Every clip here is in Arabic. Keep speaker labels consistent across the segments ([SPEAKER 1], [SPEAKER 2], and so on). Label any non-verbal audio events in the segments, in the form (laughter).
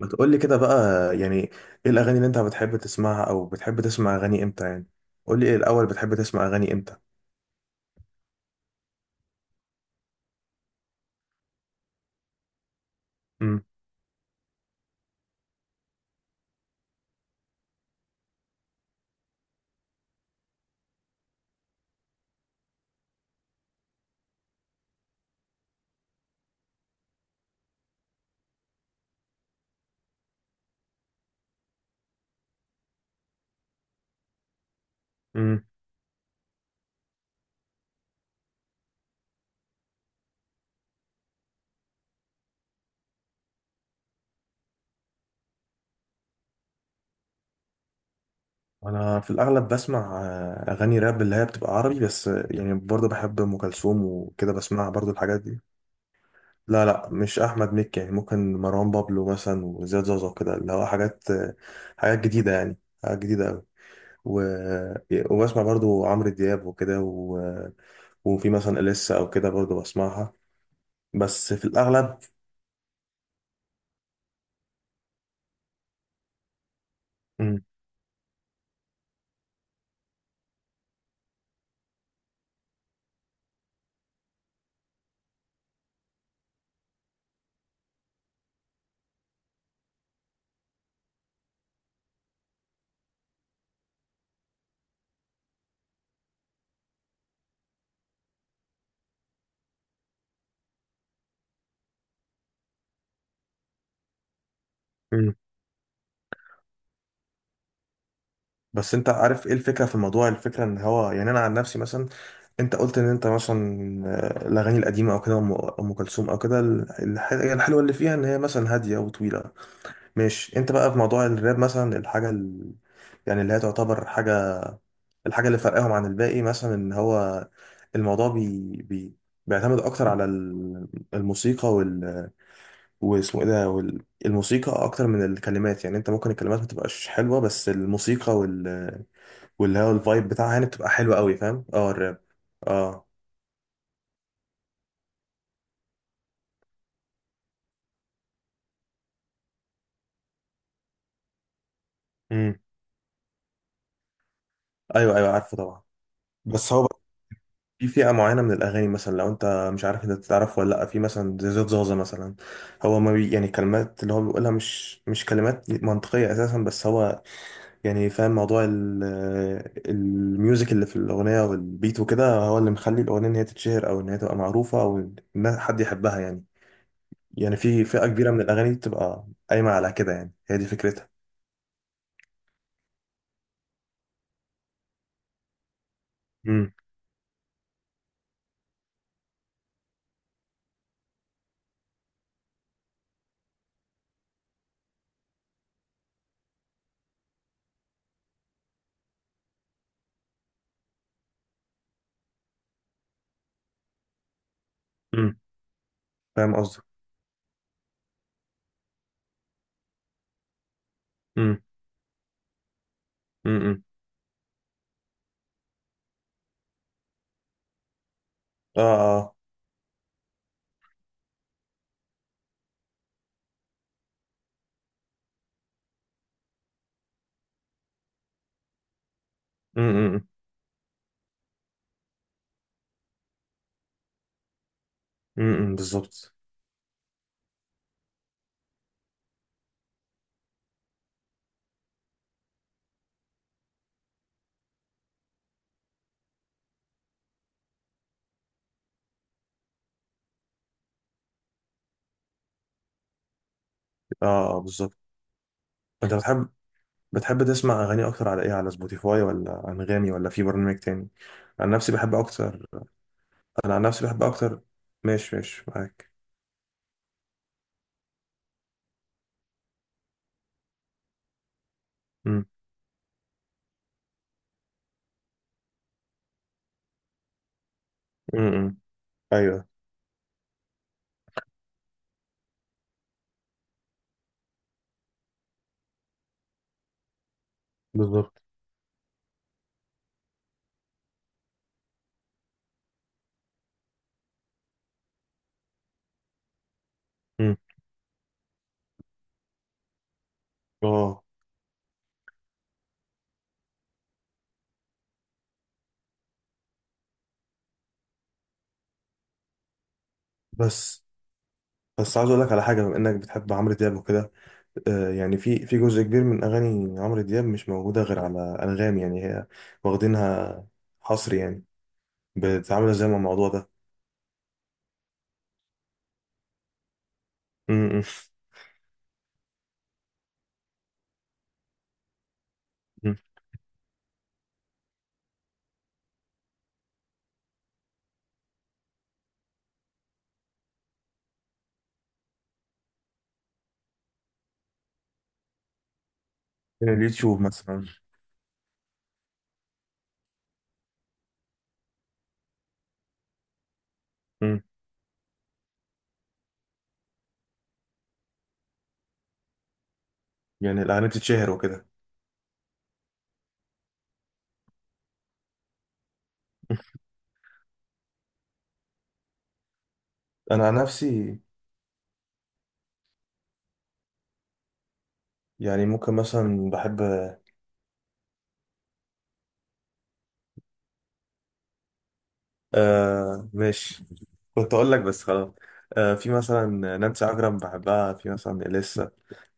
[SPEAKER 1] ما تقول لي كده بقى، يعني ايه الاغاني اللي انت بتحب تسمعها او بتحب تسمع اغاني امتى؟ يعني قول لي ايه الاول، بتحب تسمع اغاني امتى؟ امم. امم. انا في الاغلب بسمع اغاني راب اللي هي بتبقى عربي، بس يعني برضه بحب ام كلثوم وكده، بسمع برضه الحاجات دي. لا، لا، مش احمد مكي، يعني ممكن مروان بابلو مثلا وزياد زوزة وكده، اللي هو حاجات، حاجات جديدة يعني. حاجات جديدة قوي. و... وبسمع برضه عمرو دياب وكده، وفي مثلا اليسا او كده برضه بسمعها، بس في الاغلب. مم. مم. بس انت عارف ايه الفكره في الموضوع؟ الفكره ان هو، يعني انا عن نفسي مثلا، انت قلت ان انت مثلا الاغاني القديمه او كده، أم كلثوم او كده، هي الحلوه اللي فيها ان هي مثلا هاديه وطويله. ماشي، انت بقى في موضوع الراب مثلا، يعني اللي هي تعتبر الحاجه اللي فرقاهم عن الباقي، مثلا ان هو الموضوع بيعتمد اكتر على الموسيقى، واسمه ايه ده، الموسيقى اكتر من الكلمات، يعني انت ممكن الكلمات ما تبقاش حلوه بس الموسيقى واللي هو الفايب بتاعها يعني بتبقى حلوه قوي، فاهم؟ اه، الراب. اه. امم. ايوه، ايوه، عارفه طبعا. بس هو بقى، في فئه معينه من الاغاني، مثلا لو انت مش عارف، انت تعرف ولا لا؟ في مثلا زي زياد زازا مثلا، هو ما بي يعني كلمات اللي هو بيقولها مش كلمات منطقيه اساسا، بس هو يعني فاهم موضوع الميوزك اللي في الاغنيه والبيت وكده، هو اللي مخلي الاغنيه ان هي تتشهر او ان هي تبقى معروفه او ان حد يحبها يعني في فئه كبيره من الاغاني بتبقى قايمه على كده، يعني هي دي فكرتها. امم. فاهم قصدك. امم. امم. اه، اه. امم. امم، بالظبط. اه، اه، بالظبط. انت بتحب تسمع اغاني اكتر على ايه؟ على سبوتيفاي ولا انغامي ولا في برنامج تاني؟ عن نفسي بحب اكتر انا عن نفسي بحب اكتر. ماشي، ماشي معاك. امم. امم. ايوه، بالظبط. امم. اه. بس بس عايز اقول لك على حاجه، بما انك بتحب عمرو دياب وكده، يعني في جزء كبير من اغاني عمرو دياب مش موجوده غير على انغامي، يعني هي واخدينها حصر يعني. بتعامل ازاي مع الموضوع ده؟ م- م- م. اليوتيوب مثلا. م. يعني الاعلانات تتشهر وكده. انا عن نفسي يعني ممكن مثلا بحب، ماشي، كنت اقول لك، بس خلاص. في مثلا نانسي عجرم بحبها، في مثلا اليسا.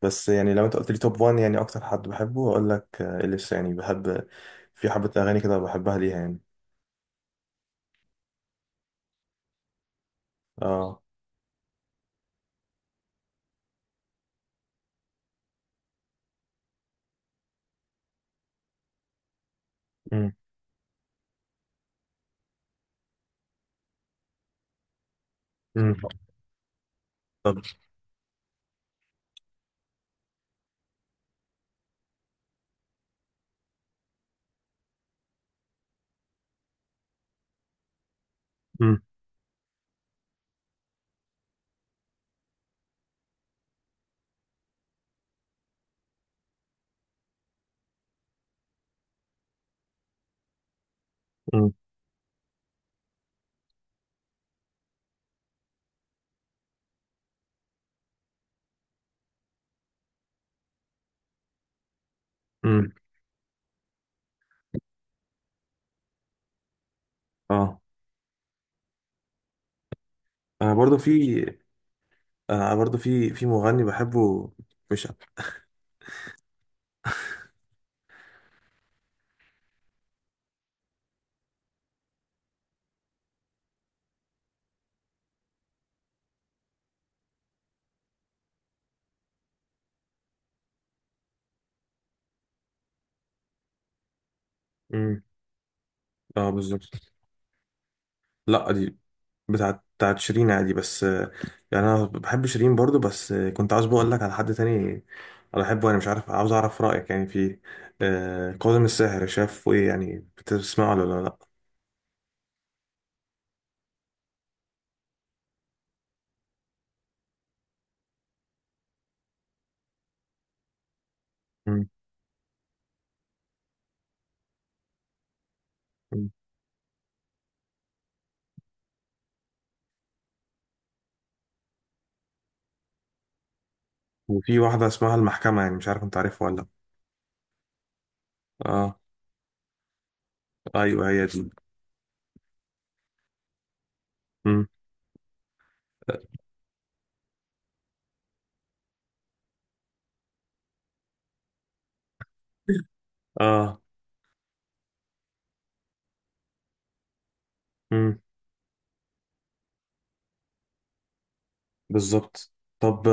[SPEAKER 1] بس يعني لو انت قلت لي توب 1، يعني اكتر حد بحبه، اقول لك اليسا، يعني بحب في حبة اغاني كده بحبها ليها يعني. اه. م- م. طب. م- م- م. اه. برضه في، انا برضو في مغني بحبه مش امم. اه، بالظبط. لا، دي بتاعت شيرين عادي، بس يعني انا بحب شيرين برضو، بس كنت عاوز بقول لك على حد تاني انا بحبه، انا مش عارف، عاوز اعرف رايك يعني في كاظم الساهر، شاف ايه يعني، بتسمعه ولا لا؟ مم. مم. وفي واحده اسمها المحكمه، يعني مش عارف انت عارفها ولا لا. اه، ايوه، هي دي. مم. اه. امم، بالظبط. طب.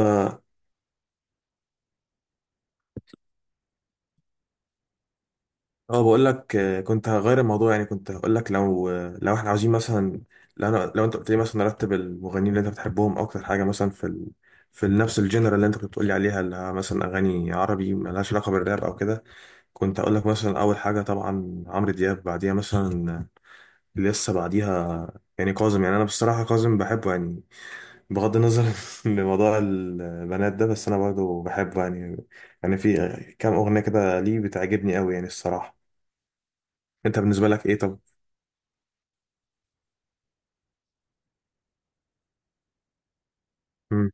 [SPEAKER 1] اه، بقول لك، كنت هغير الموضوع، يعني كنت هقول لك لو احنا عاوزين مثلا، لو انت قلت لي مثلا رتب المغنيين اللي انت بتحبهم اكتر حاجه، مثلا في نفس الجنرال اللي انت كنت بتقول لي عليها، اللي هي مثلا اغاني عربي ملهاش علاقه بالراب او كده. كنت هقول لك مثلا اول حاجه طبعا عمرو دياب، بعديها مثلا، لسه بعديها يعني كاظم، يعني انا بصراحه كاظم بحبه يعني، بغض النظر (laughs) لموضوع البنات ده، بس انا برضه بحبه يعني. يعني في كام اغنيه كده ليه بتعجبني قوي يعني، الصراحه. انت بالنسبه لك ايه، طب؟ مم.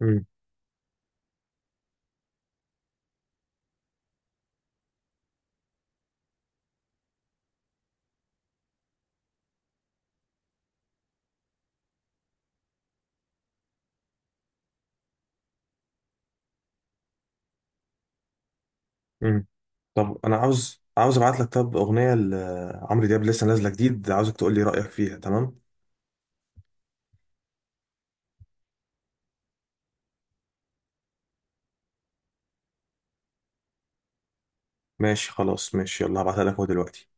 [SPEAKER 1] مم. مم. طب انا عاوز ابعت لك، طب، اغنيه لعمرو دياب لسه نازله جديد، عاوزك تقول لي رايك فيها، تمام؟ ماشي، خلاص، ماشي، يلا هبعتها لك اهو دلوقتي.